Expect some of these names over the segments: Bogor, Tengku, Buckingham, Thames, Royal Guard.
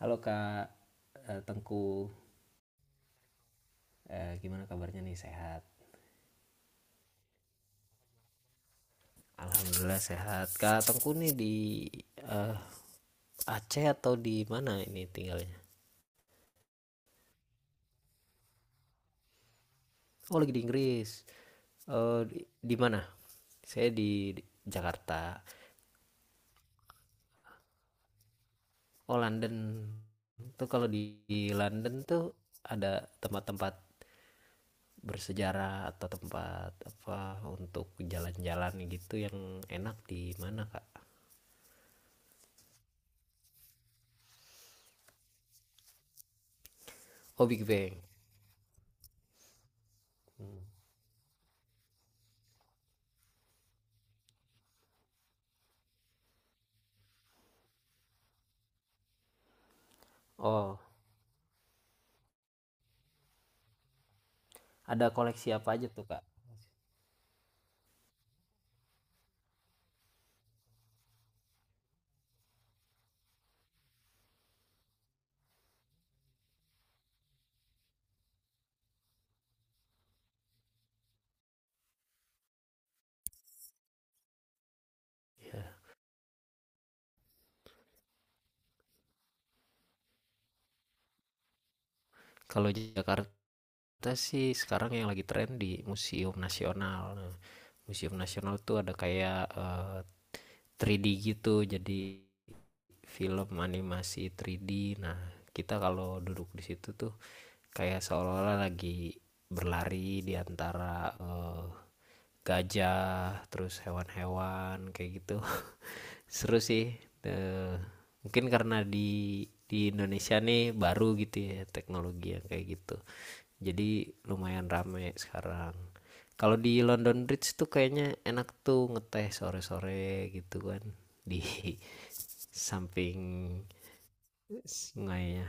Halo Kak Tengku. Eh, gimana kabarnya nih? Sehat? Alhamdulillah sehat. Kak Tengku nih di eh, Aceh atau di mana ini tinggalnya? Oh lagi di Inggris. Eh, di mana? Saya di Jakarta. Oh London. Tuh kalau di London tuh ada tempat-tempat bersejarah atau tempat apa untuk jalan-jalan gitu yang enak di mana Kak? Oh Big Bang. Oh, ada koleksi apa aja tuh Kak? Kalau Jakarta sih sekarang yang lagi tren di Museum Nasional. Nah, Museum Nasional tuh ada kayak 3D gitu, jadi film animasi 3D. Nah, kita kalau duduk di situ tuh kayak seolah-olah lagi berlari di antara gajah, terus hewan-hewan kayak gitu. Seru sih. Eh, mungkin karena di Indonesia nih baru gitu ya teknologi yang kayak gitu. Jadi lumayan rame sekarang. Kalau di London Bridge tuh kayaknya enak tuh ngeteh sore-sore gitu kan di samping sungainya.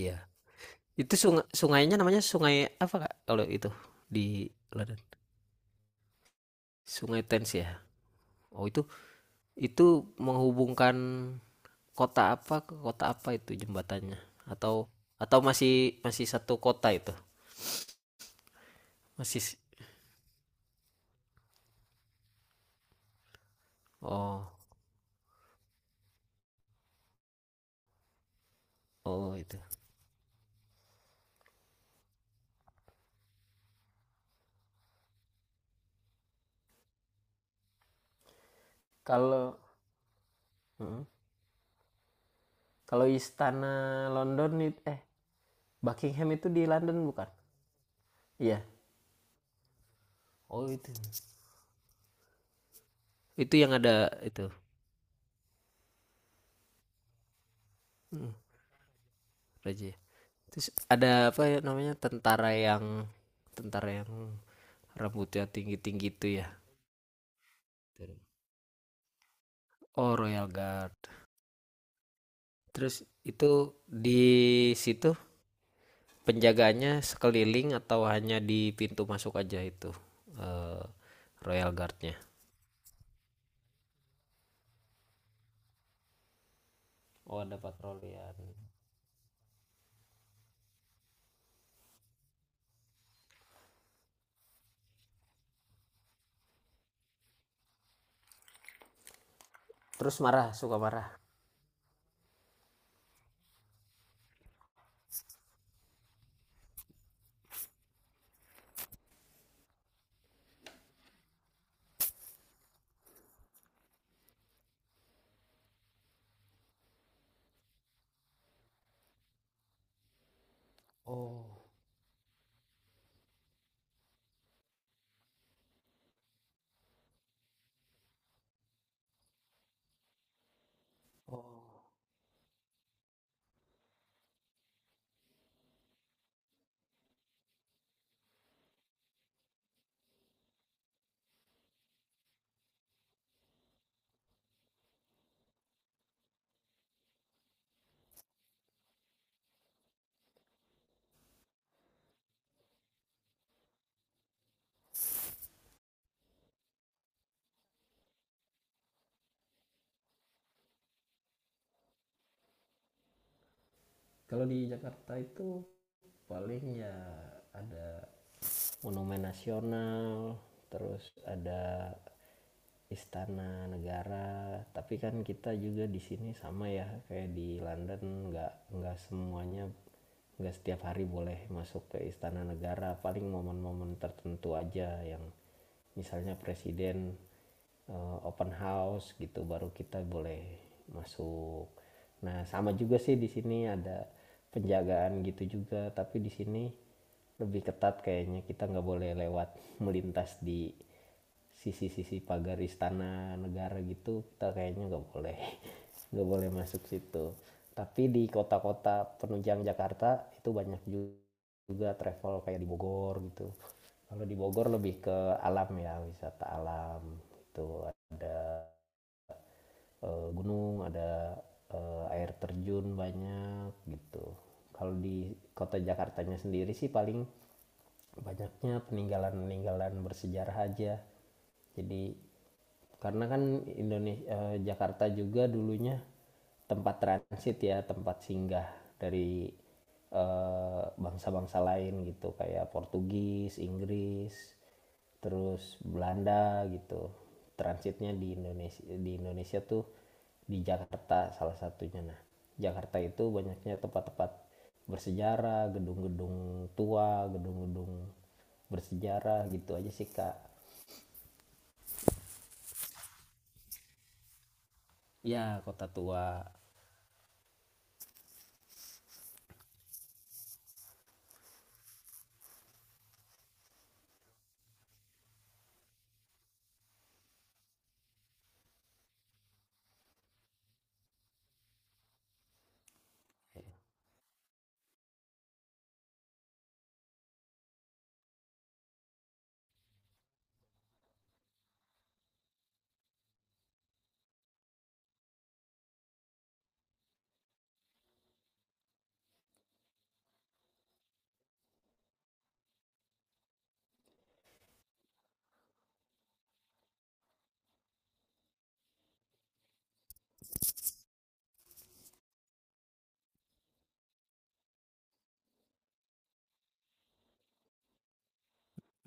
Iya. Itu sungai sungainya namanya sungai apa kak? Kalau itu di London. Sungai Thames ya. Oh itu menghubungkan kota apa ke kota apa itu jembatannya? Atau atau masih masih satu kota itu? Masih si-, oh oh itu. Kalau Heeh. Kalau istana London, Buckingham itu di London bukan? Iya. Oh itu. Itu yang ada itu. Heeh, Raja. Terus ada apa ya namanya tentara yang rambutnya tinggi-tinggi itu ya. Oh, Royal Guard. Terus itu di situ penjaganya sekeliling atau hanya di pintu masuk aja itu eh, Royal Guardnya. Oh, ada patrolian. Terus marah, suka marah. Oh, oh. Kalau di Jakarta itu paling ya ada monumen nasional, terus ada istana negara. Tapi kan kita juga di sini sama ya kayak di London, nggak semuanya, nggak setiap hari boleh masuk ke istana negara, paling momen-momen tertentu aja yang misalnya presiden open house gitu baru kita boleh masuk. Nah sama juga sih di sini ada penjagaan gitu juga, tapi di sini lebih ketat kayaknya, kita nggak boleh lewat melintas di sisi-sisi pagar istana negara gitu, kita kayaknya nggak boleh nggak boleh masuk situ. Tapi di kota-kota penunjang Jakarta itu banyak juga travel kayak di Bogor gitu, kalau di Bogor lebih ke alam ya, wisata alam, itu gunung ada air terjun banyak gitu. Kalau di kota Jakartanya sendiri sih paling banyaknya peninggalan-peninggalan bersejarah aja. Jadi karena kan Indonesia Jakarta juga dulunya tempat transit ya, tempat singgah dari bangsa-bangsa lain gitu kayak Portugis, Inggris, terus Belanda gitu, transitnya di Indonesia, di Indonesia tuh di Jakarta salah satunya. Nah Jakarta itu banyaknya tempat-tempat bersejarah, gedung-gedung tua, gedung-gedung bersejarah gitu aja sih kak. Ya kota tua.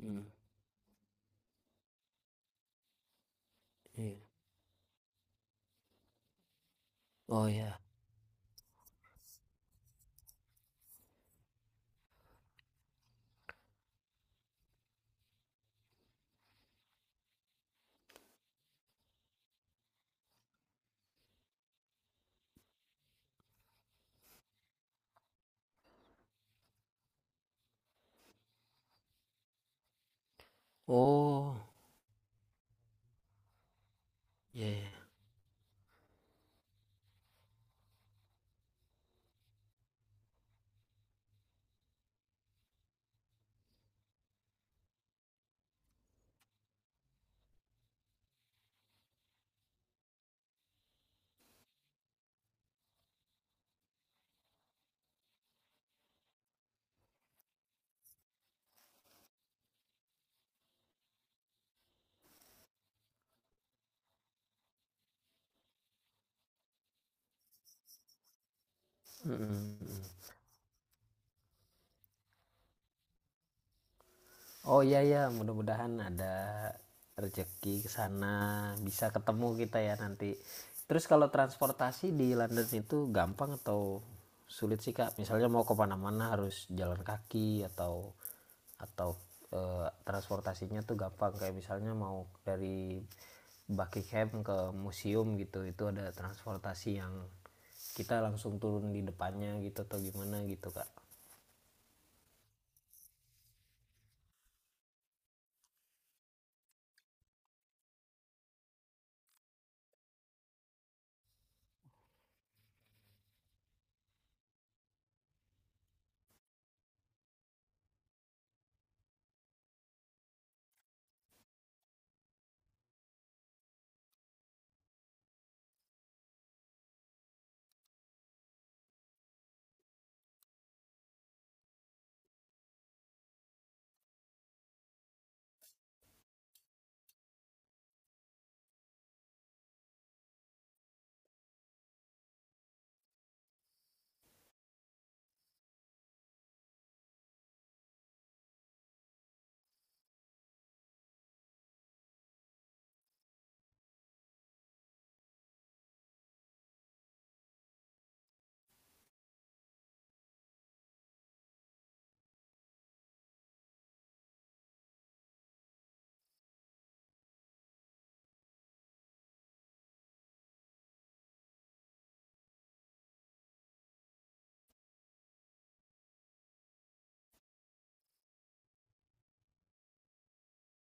Hmm. Iya. Oh, iya iya. Mhm mhm. Oh, iya ya, mudah-mudahan ada rezeki ke sana, bisa ketemu kita ya nanti. Terus kalau transportasi di London itu gampang atau sulit sih, Kak? Misalnya mau ke mana-mana harus jalan kaki atau transportasinya tuh gampang, kayak misalnya mau dari Buckingham ke museum gitu, itu ada transportasi yang kita langsung turun di depannya gitu atau gimana gitu, Kak?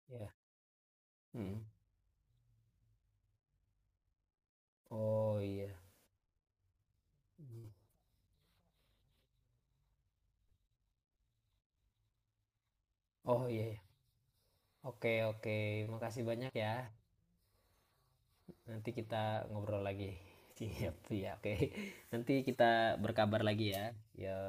Iya. Mhm. Oh, iya. Mhm. Oh, iya ya. Oke oke, makasih banyak ya. Nanti kita ngobrol lagi. Siap siap, oke. Nanti kita berkabar lagi ya. Ya.